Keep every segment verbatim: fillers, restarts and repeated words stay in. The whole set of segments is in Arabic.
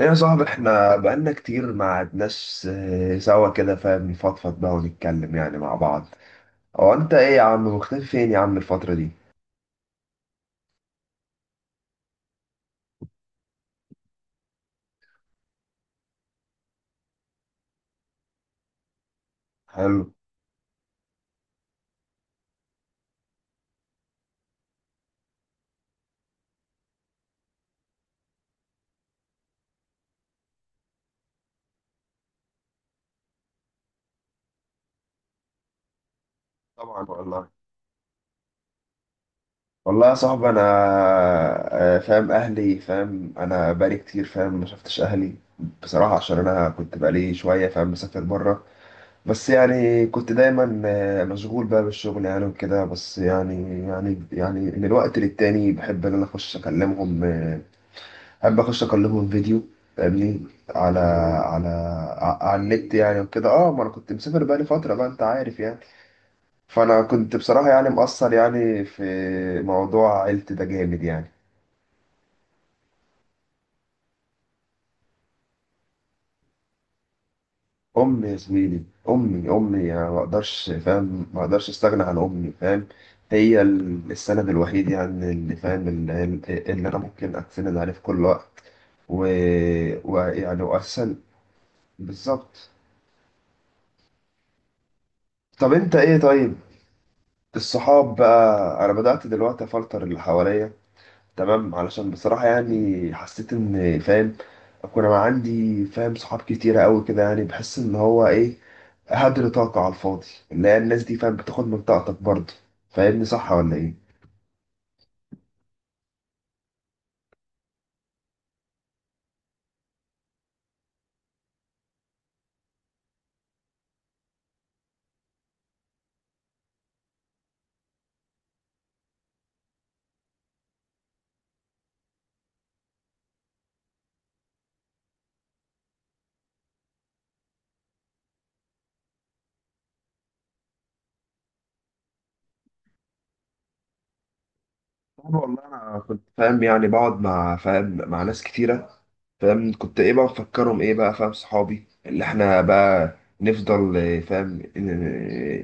ايه يا صاحبي، احنا بقالنا كتير ما قعدناش آه، سوا كده، فاهم، نفضفض بقى ونتكلم يعني مع بعض. هو انت ايه يا عم؟ مختفي فين يا عم الفترة دي؟ حلو. طبعا والله. والله يا صاحبي انا آه، فاهم اهلي، فاهم، انا بقالي كتير، فاهم، ما شفتش اهلي. بصراحة عشان انا كنت بقالي شوية فاهم مسافر بره. بس يعني كنت دايما آه، مشغول بقى بالشغل يعني وكده. بس يعني يعني يعني من الوقت للتاني بحب ان انا اخش اكلمهم آه، احب اخش اكلمهم فيديو. فاهمني؟ على على ع- على النت يعني وكده. اه، ما انا كنت مسافر بقالي فتره بقى، انت عارف يعني. فانا كنت بصراحه يعني مقصر يعني في موضوع عيلتي ده، جامد يعني. امي يا زميلي، امي امي يعني، ما اقدرش فاهم، ما اقدرش استغنى عن امي، فاهم. هي ال- السند الوحيد يعني، اللي فاهم، اللي, اللي انا ممكن اتسند عليه في كل وقت. و... ويعني واساسا بالظبط. طب انت ايه طيب؟ الصحاب بقى، انا بدأت دلوقتي افلتر اللي حواليا، تمام، علشان بصراحة يعني حسيت ان، فاهم، اكون انا عندي فاهم صحاب كتيرة قوي كده يعني، بحس ان هو ايه؟ هدر طاقة على الفاضي، اللي هي الناس دي، فاهم، بتاخد من طاقتك برضه. فاهمني؟ صح ولا ايه؟ صعب والله. انا كنت فاهم يعني بقعد مع فاهم مع ناس كتيره، فاهم، كنت ايه بقى؟ مفكرهم ايه بقى؟ فاهم، صحابي اللي احنا بقى نفضل إيه، فاهم، إن-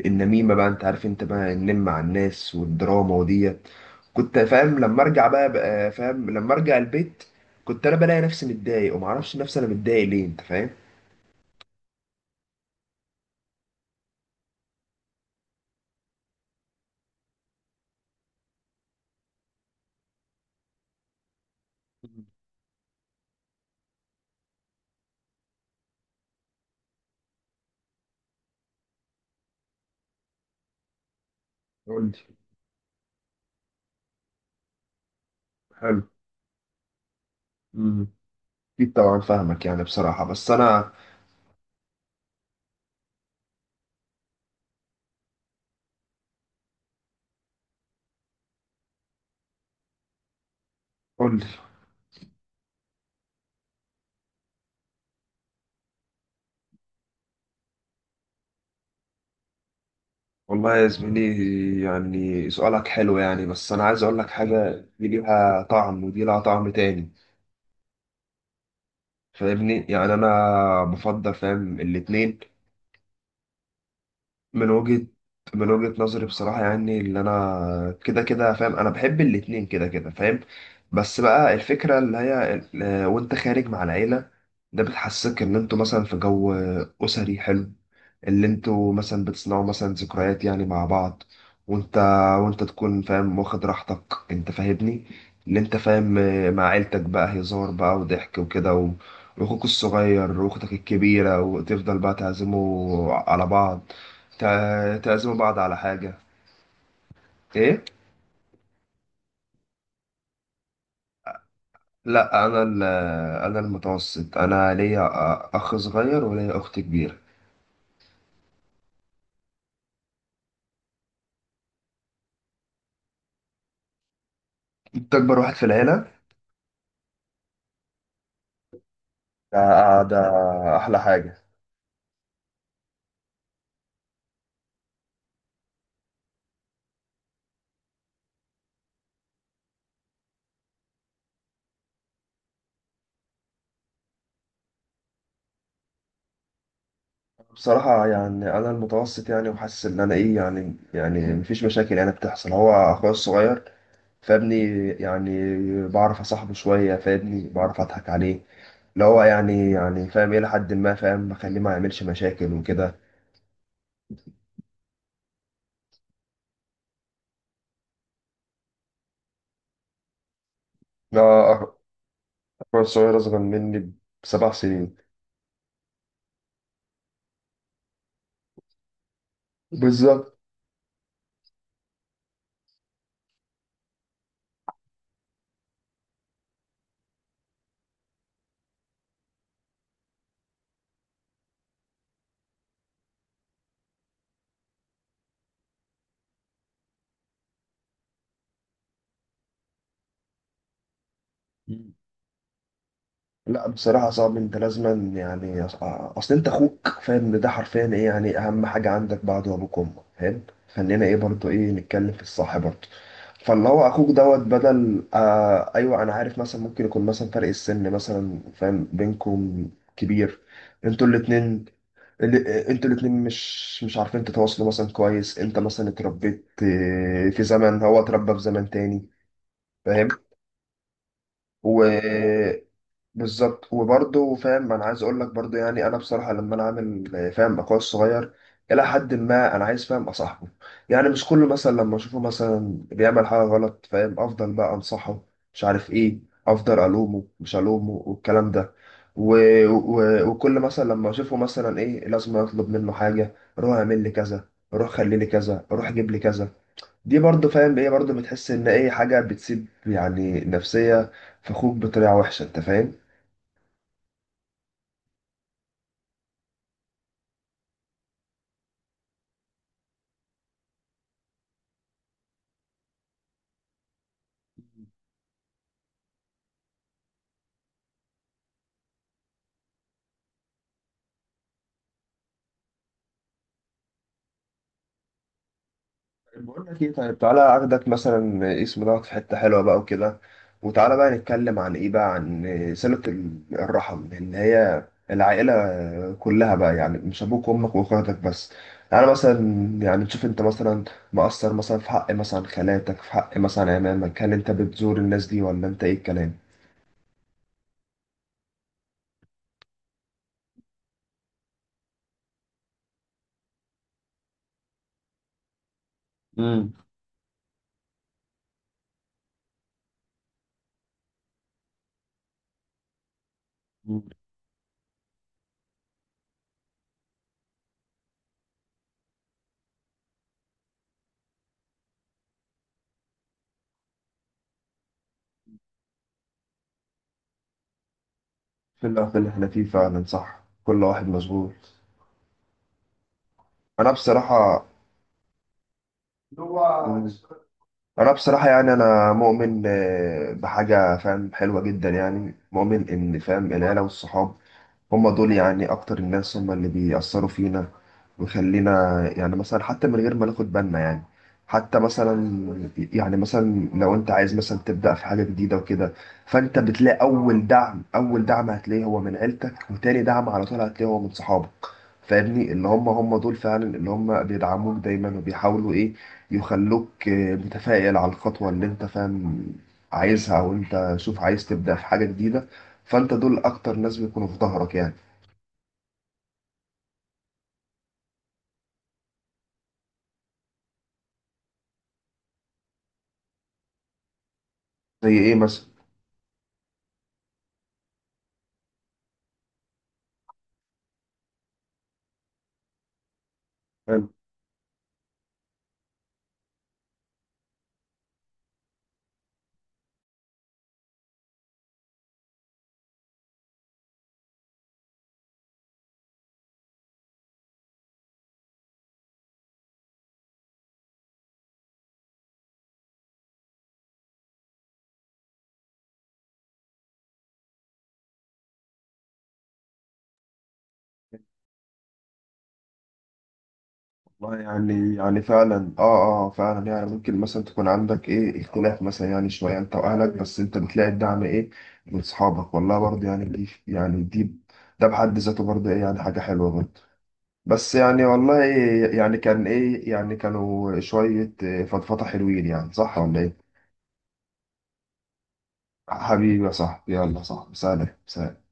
النميمه بقى، انت عارف، انت بقى ننم مع الناس والدراما وديت. كنت فاهم لما ارجع بقى, بقى، فاهم، لما ارجع البيت كنت انا بلاقي نفسي متضايق، ومعرفش نفسي انا متضايق ليه، انت فاهم. قول لي. حلو. امم. اكيد طبعا فاهمك يعني بصراحه، بس انا. قول لي. والله يا زميلي يعني سؤالك حلو يعني، بس أنا عايز أقول لك حاجة، دي ليها طعم ودي لها طعم تاني. فاهمني؟ يعني أنا بفضل فاهم الاتنين. من وجهة من وجهة نظري بصراحة يعني، اللي أنا كده كده فاهم، أنا بحب الاتنين كده كده، فاهم. بس بقى الفكرة اللي هي ال- وأنت خارج مع العيلة، ده بتحسسك إن أنتوا مثلا في جو أسري حلو، اللي انتوا مثلا بتصنعوا مثلا ذكريات يعني مع بعض، وانت، وانت تكون فاهم واخد راحتك. انت فاهمني؟ اللي انت فاهم آه، مع عيلتك بقى هزار بقى وضحك وكده، و... واخوك الصغير واختك الكبيرة، وتفضل بقى تعزموا على بعض. تع- تعزموا بعض على حاجة. ايه. لا انا ال-، انا المتوسط، انا ليا اخ صغير وليا اخت كبيرة. انت اكبر واحد في العيلة؟ ده ده احلى حاجة. بصراحة يعني أنا المتوسط يعني، وحاسس إن أنا إيه يعني يعني مفيش مشاكل يعني بتحصل. هو أخويا الصغير فابني يعني بعرف أصاحبه شوية، فابني بعرف أضحك عليه، اللي هو يعني يعني فاهم إلى حد ما، فاهم، بخليه ما يعملش مشاكل وكده. أنا أخويا الصغير أصغر مني بسبع سنين. بالظبط. لا بصراحة صعب، انت لازما يعني، أص- اصل انت اخوك فاهم ان ده حرفيا ايه يعني، اهم حاجة عندك بعد ابوك وامك، فاهم. خلينا ايه برضو، ايه نتكلم في الصح برضو. فاللي هو اخوك دوت بدل آه ايوه انا عارف، مثلا ممكن يكون مثلا فرق السن مثلا فاهم بينكم كبير. انتوا الاتنين ال- انتوا الاتنين مش مش عارفين تتواصلوا مثلا كويس، انت مثلا اتربيت آه، في زمن، هو اتربى في زمن تاني، فاهم. و... بالظبط، وبرضه فاهم انا عايز اقول لك برضه يعني، انا بصراحه لما انا عامل فاهم اخويا الصغير، الى حد ما انا عايز فاهم اصاحبه يعني، مش كله مثلا لما اشوفه مثلا بيعمل حاجه غلط، فاهم، افضل بقى انصحه، مش عارف ايه، افضل الومه مش الومه والكلام ده. و... و... وكل مثلا لما اشوفه مثلا ايه، لازم اطلب منه حاجه، روح اعمل لي كذا، روح خلي لي كذا، روح جيب لي كذا. دي برضه فاهم ايه برضه، بتحس ان ايه حاجه بتسيب يعني نفسيه في اخوك بطريقه وحشه، انت فاهم. بقول لك ايه طيب؟ تعالى اخدك مثلا اسم دوت في حته حلوه بقى وكده، وتعالى بقى نتكلم عن ايه بقى؟ عن صله ال- الرحم، اللي هي العائله كلها بقى، يعني مش ابوك وامك واخواتك بس. انا مثلا، يعني تشوف انت مثلا مقصر مثلا في حق مثلا خالاتك، في حق مثلا عمامك، هل انت بتزور الناس دي ولا انت ايه الكلام؟ امم. أمم. في الوقت اللي احنا فيه فعلا صح، كل واحد مشغول. انا بصراحه هو انا بصراحه يعني، انا مؤمن آه، بحاجه فاهم حلوه جدا يعني، مؤمن ان فاهم العيله والصحاب هم دول يعني اكتر الناس، هم اللي بيأثروا فينا ويخلينا يعني، مثلا حتى من غير ما ناخد بالنا يعني، حتى مثلا، يعني مثلا لو انت عايز مثلا تبدأ في حاجة جديدة وكده، فانت بتلاقي اول دعم، اول دعم هتلاقيه هو من عيلتك، وتاني دعم على طول هتلاقيه هو من صحابك. فاهمني؟ اللي هم هم دول فعلا، اللي هم بيدعموك دايما وبيحاولوا ايه، يخلوك آه، متفائل على الخطوة اللي انت فاهم عايزها، او انت شوف عايز تبدأ في حاجة جديدة، فانت دول اكتر ناس بيكونوا في ظهرك يعني. زي ايه مثلا؟ والله يعني يعني فعلا اه. اه، فعلا يعني ممكن مثلا تكون عندك ايه اختلاف مثلا يعني شويه انت واهلك، بس انت بتلاقي الدعم ايه من صحابك، والله برضه يعني، دي يعني دي، ده بحد ذاته برضه ايه يعني حاجه حلوه برضه. بس يعني والله إيه يعني، كان ايه يعني، كانوا شويه إيه فضفضه حلوين يعني. صح ولا ايه؟ حبيبي يا صاحبي، يلا صاحبي، سلام سلام.